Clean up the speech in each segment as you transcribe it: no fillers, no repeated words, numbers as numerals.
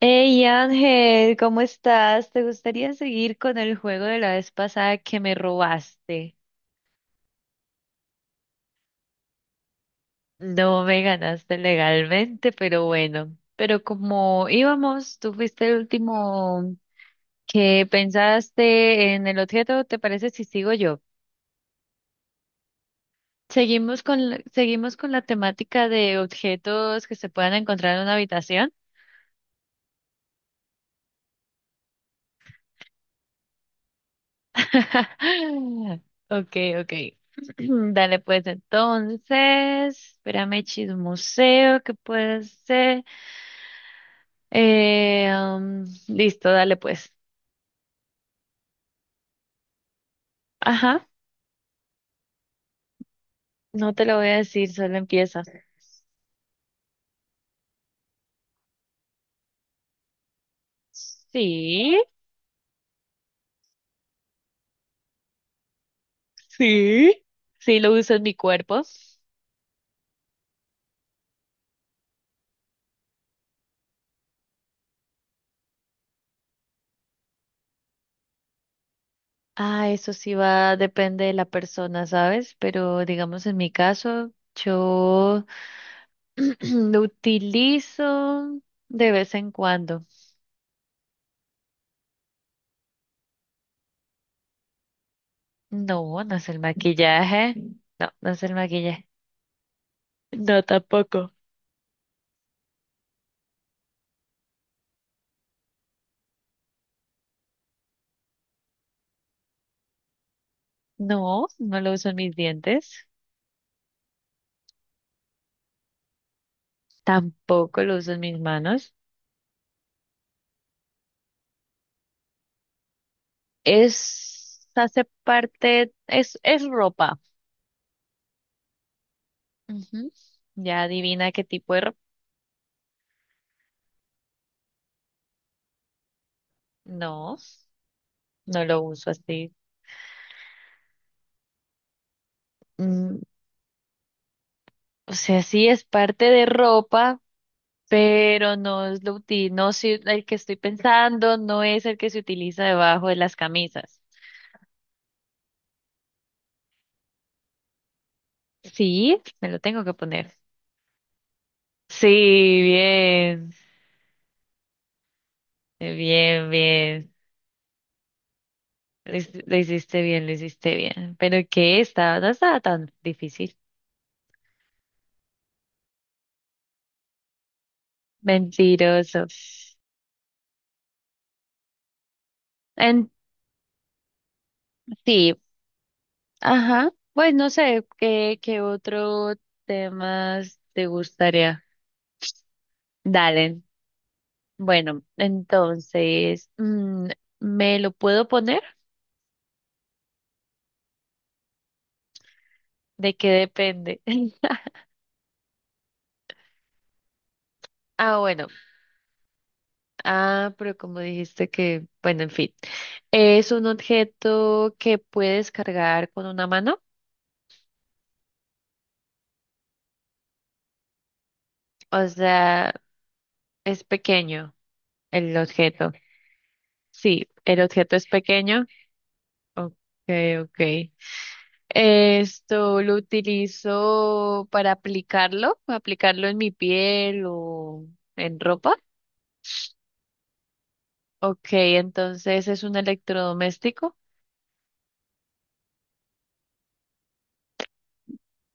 Hey Ángel, ¿cómo estás? ¿Te gustaría seguir con el juego de la vez pasada que me robaste? No me ganaste legalmente, pero bueno. Pero como íbamos, tú fuiste el último que pensaste en el objeto, ¿te parece si sigo yo? Seguimos con, seguimos con la temática de objetos que se puedan encontrar en una habitación. Okay, okay. Dale, pues entonces, espérame, chismoseo, ¿qué puede ser? Listo, dale, pues. Ajá, no te lo voy a decir, solo empieza. Sí, sí, sí, lo uso en mi cuerpo. Ah, eso sí va, depende de la persona, ¿sabes? Pero digamos en mi caso, yo lo utilizo de vez en cuando. No, no es el maquillaje. No, no es el maquillaje. No, tampoco. No, no lo uso en mis dientes. Tampoco lo uso en mis manos. Es, hace parte, es ropa. Ujú. Ya adivina qué tipo de ropa. No, no lo uso así. Mm, o sea, sí es parte de ropa, pero no es lo util, el que estoy pensando, no es el que se utiliza debajo de las camisas. Sí, me lo tengo que poner. Sí, bien, bien, bien. Lo hiciste bien, lo hiciste bien. Pero que estaba, no estaba tan difícil. Mentiroso. En sí, ajá. Pues no sé qué, qué otro temas te gustaría. Dale. Bueno, entonces, mm, ¿me lo puedo poner? ¿De qué depende? Ah, bueno. Ah, pero como dijiste que, bueno, en fin, es un objeto que puedes cargar con una mano, o sea, es pequeño el objeto. Sí, el objeto es pequeño. Ok, ok. Esto lo utilizo para aplicarlo, aplicarlo en mi piel o en ropa. Ok, entonces es un electrodoméstico.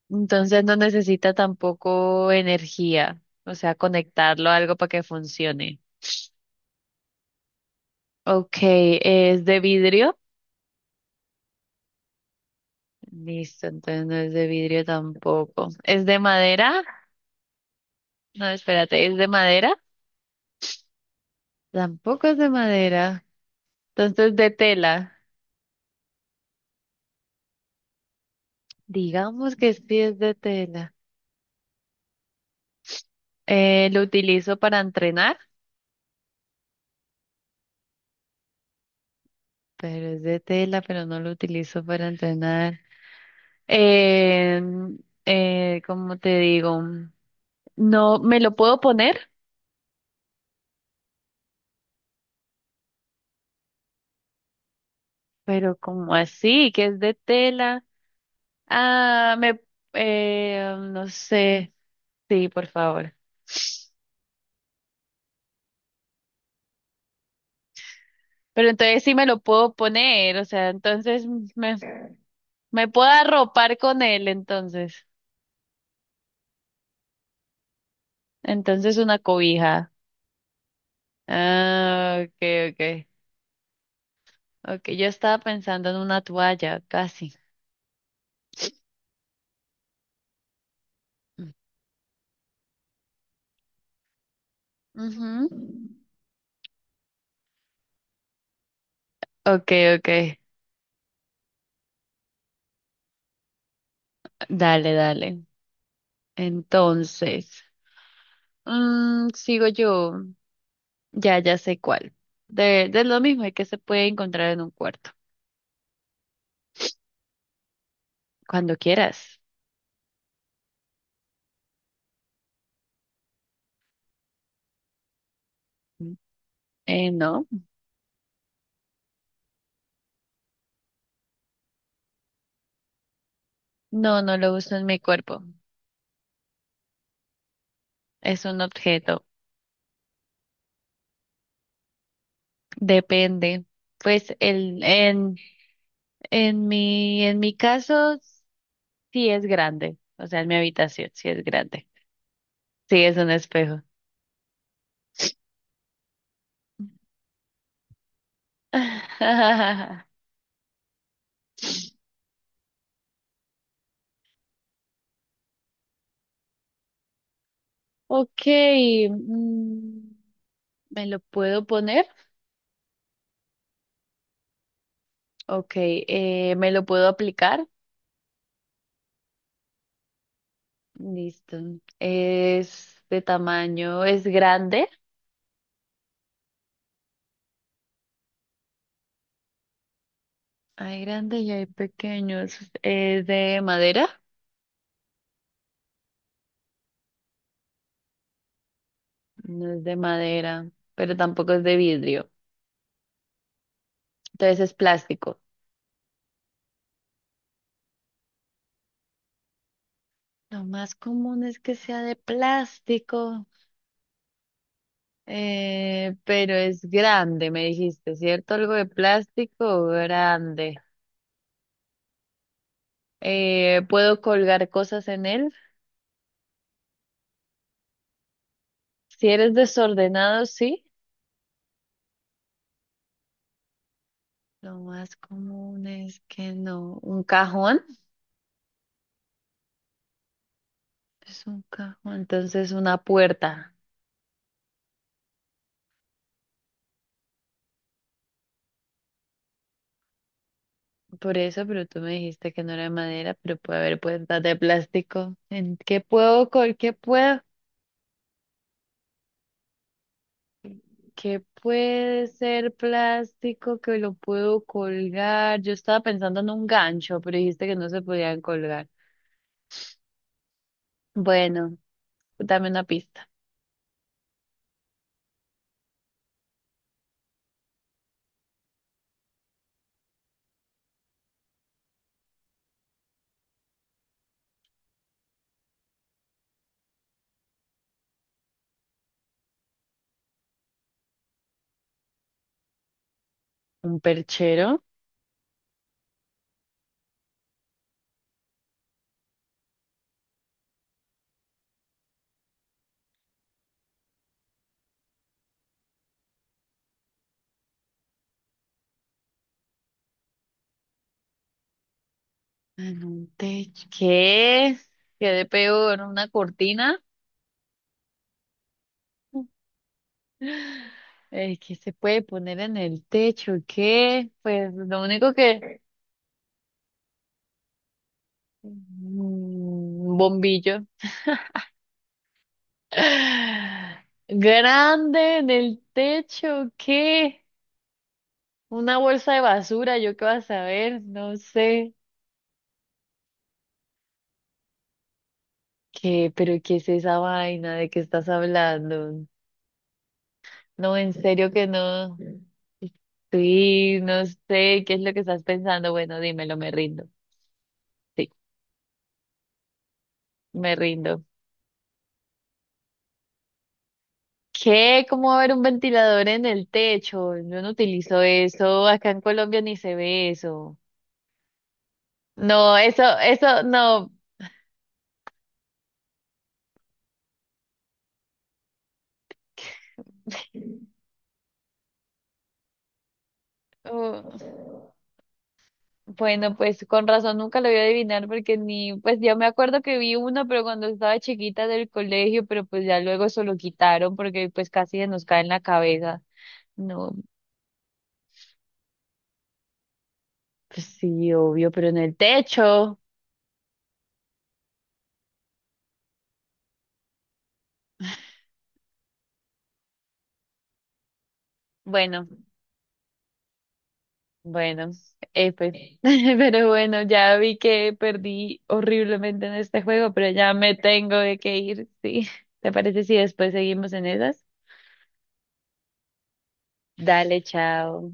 Entonces no necesita tampoco energía, o sea, conectarlo a algo para que funcione. Ok, ¿es de vidrio? Listo, entonces no es de vidrio tampoco. ¿Es de madera? No, espérate, ¿es de madera? Tampoco es de madera. Entonces de tela. Digamos que sí es de tela. Lo utilizo para entrenar, pero es de tela, pero no lo utilizo para entrenar. Eh, ¿Cómo te digo? No me lo puedo poner, pero como así, que es de tela. Ah, me, no sé. Sí, por favor. Pero entonces sí me lo puedo poner, o sea, entonces me, me puedo arropar con él, entonces. Entonces una cobija. Ah, okay, okay. Okay, yo estaba pensando en una toalla, casi. Ujú. Okay, okay. Dale, dale. Entonces, mm, sigo yo. Ya, ya sé cuál. De lo mismo, y que se puede encontrar en un cuarto, cuando quieras. No, no, no lo uso en mi cuerpo. Es un objeto. Depende. Pues el, en, en en mi caso, sí es grande. O sea, en mi habitación, sí es grande. Sí, es un espejo. Ok, mm, ¿me lo puedo poner? Ok, ¿me lo puedo aplicar? Listo. Es de tamaño, es grande. Hay grande y hay pequeños. Es de madera. No es de madera, pero tampoco es de vidrio. Entonces es plástico. Lo más común es que sea de plástico, pero es grande, me dijiste, ¿cierto? Algo de plástico grande. ¿Puedo colgar cosas en él? Si eres desordenado, sí. Lo más común es que no. ¿Un cajón? Es un cajón, entonces una puerta. Por eso, pero tú me dijiste que no era de madera, pero puede haber puertas de plástico. ¿En qué puedo, col- ¿qué puedo, qué puede ser plástico que lo puedo colgar? Yo estaba pensando en un gancho, pero dijiste que no se podían colgar. Bueno, dame una pista. ¿Un perchero? En un techo. ¿Qué? ¿Qué de peor? ¿Una cortina? El que se puede poner en el techo, ¿qué? Pues lo único que... Un bombillo. Grande en el techo, ¿qué? Una bolsa de basura, ¿yo qué vas a saber? No sé. ¿Qué? ¿Pero qué es esa vaina? ¿De qué estás hablando? No, en serio que no. Sí, no sé, ¿qué es lo que estás pensando? Bueno, dímelo, me rindo. Sí, me rindo. ¿Qué? ¿Cómo va a haber un ventilador en el techo? Yo no utilizo eso, acá en Colombia ni se ve eso. No, eso, no. Uh, bueno, pues con razón nunca lo voy a adivinar porque ni, pues ya me acuerdo que vi uno, pero cuando estaba chiquita del colegio, pero pues ya luego eso lo quitaron porque pues casi se nos cae en la cabeza. No, pues sí, obvio, pero en el techo. Bueno. Bueno, pues, pero bueno, ya vi que perdí horriblemente en este juego, pero ya me tengo de que ir, ¿sí? ¿Te parece si después seguimos en esas? Dale, chao.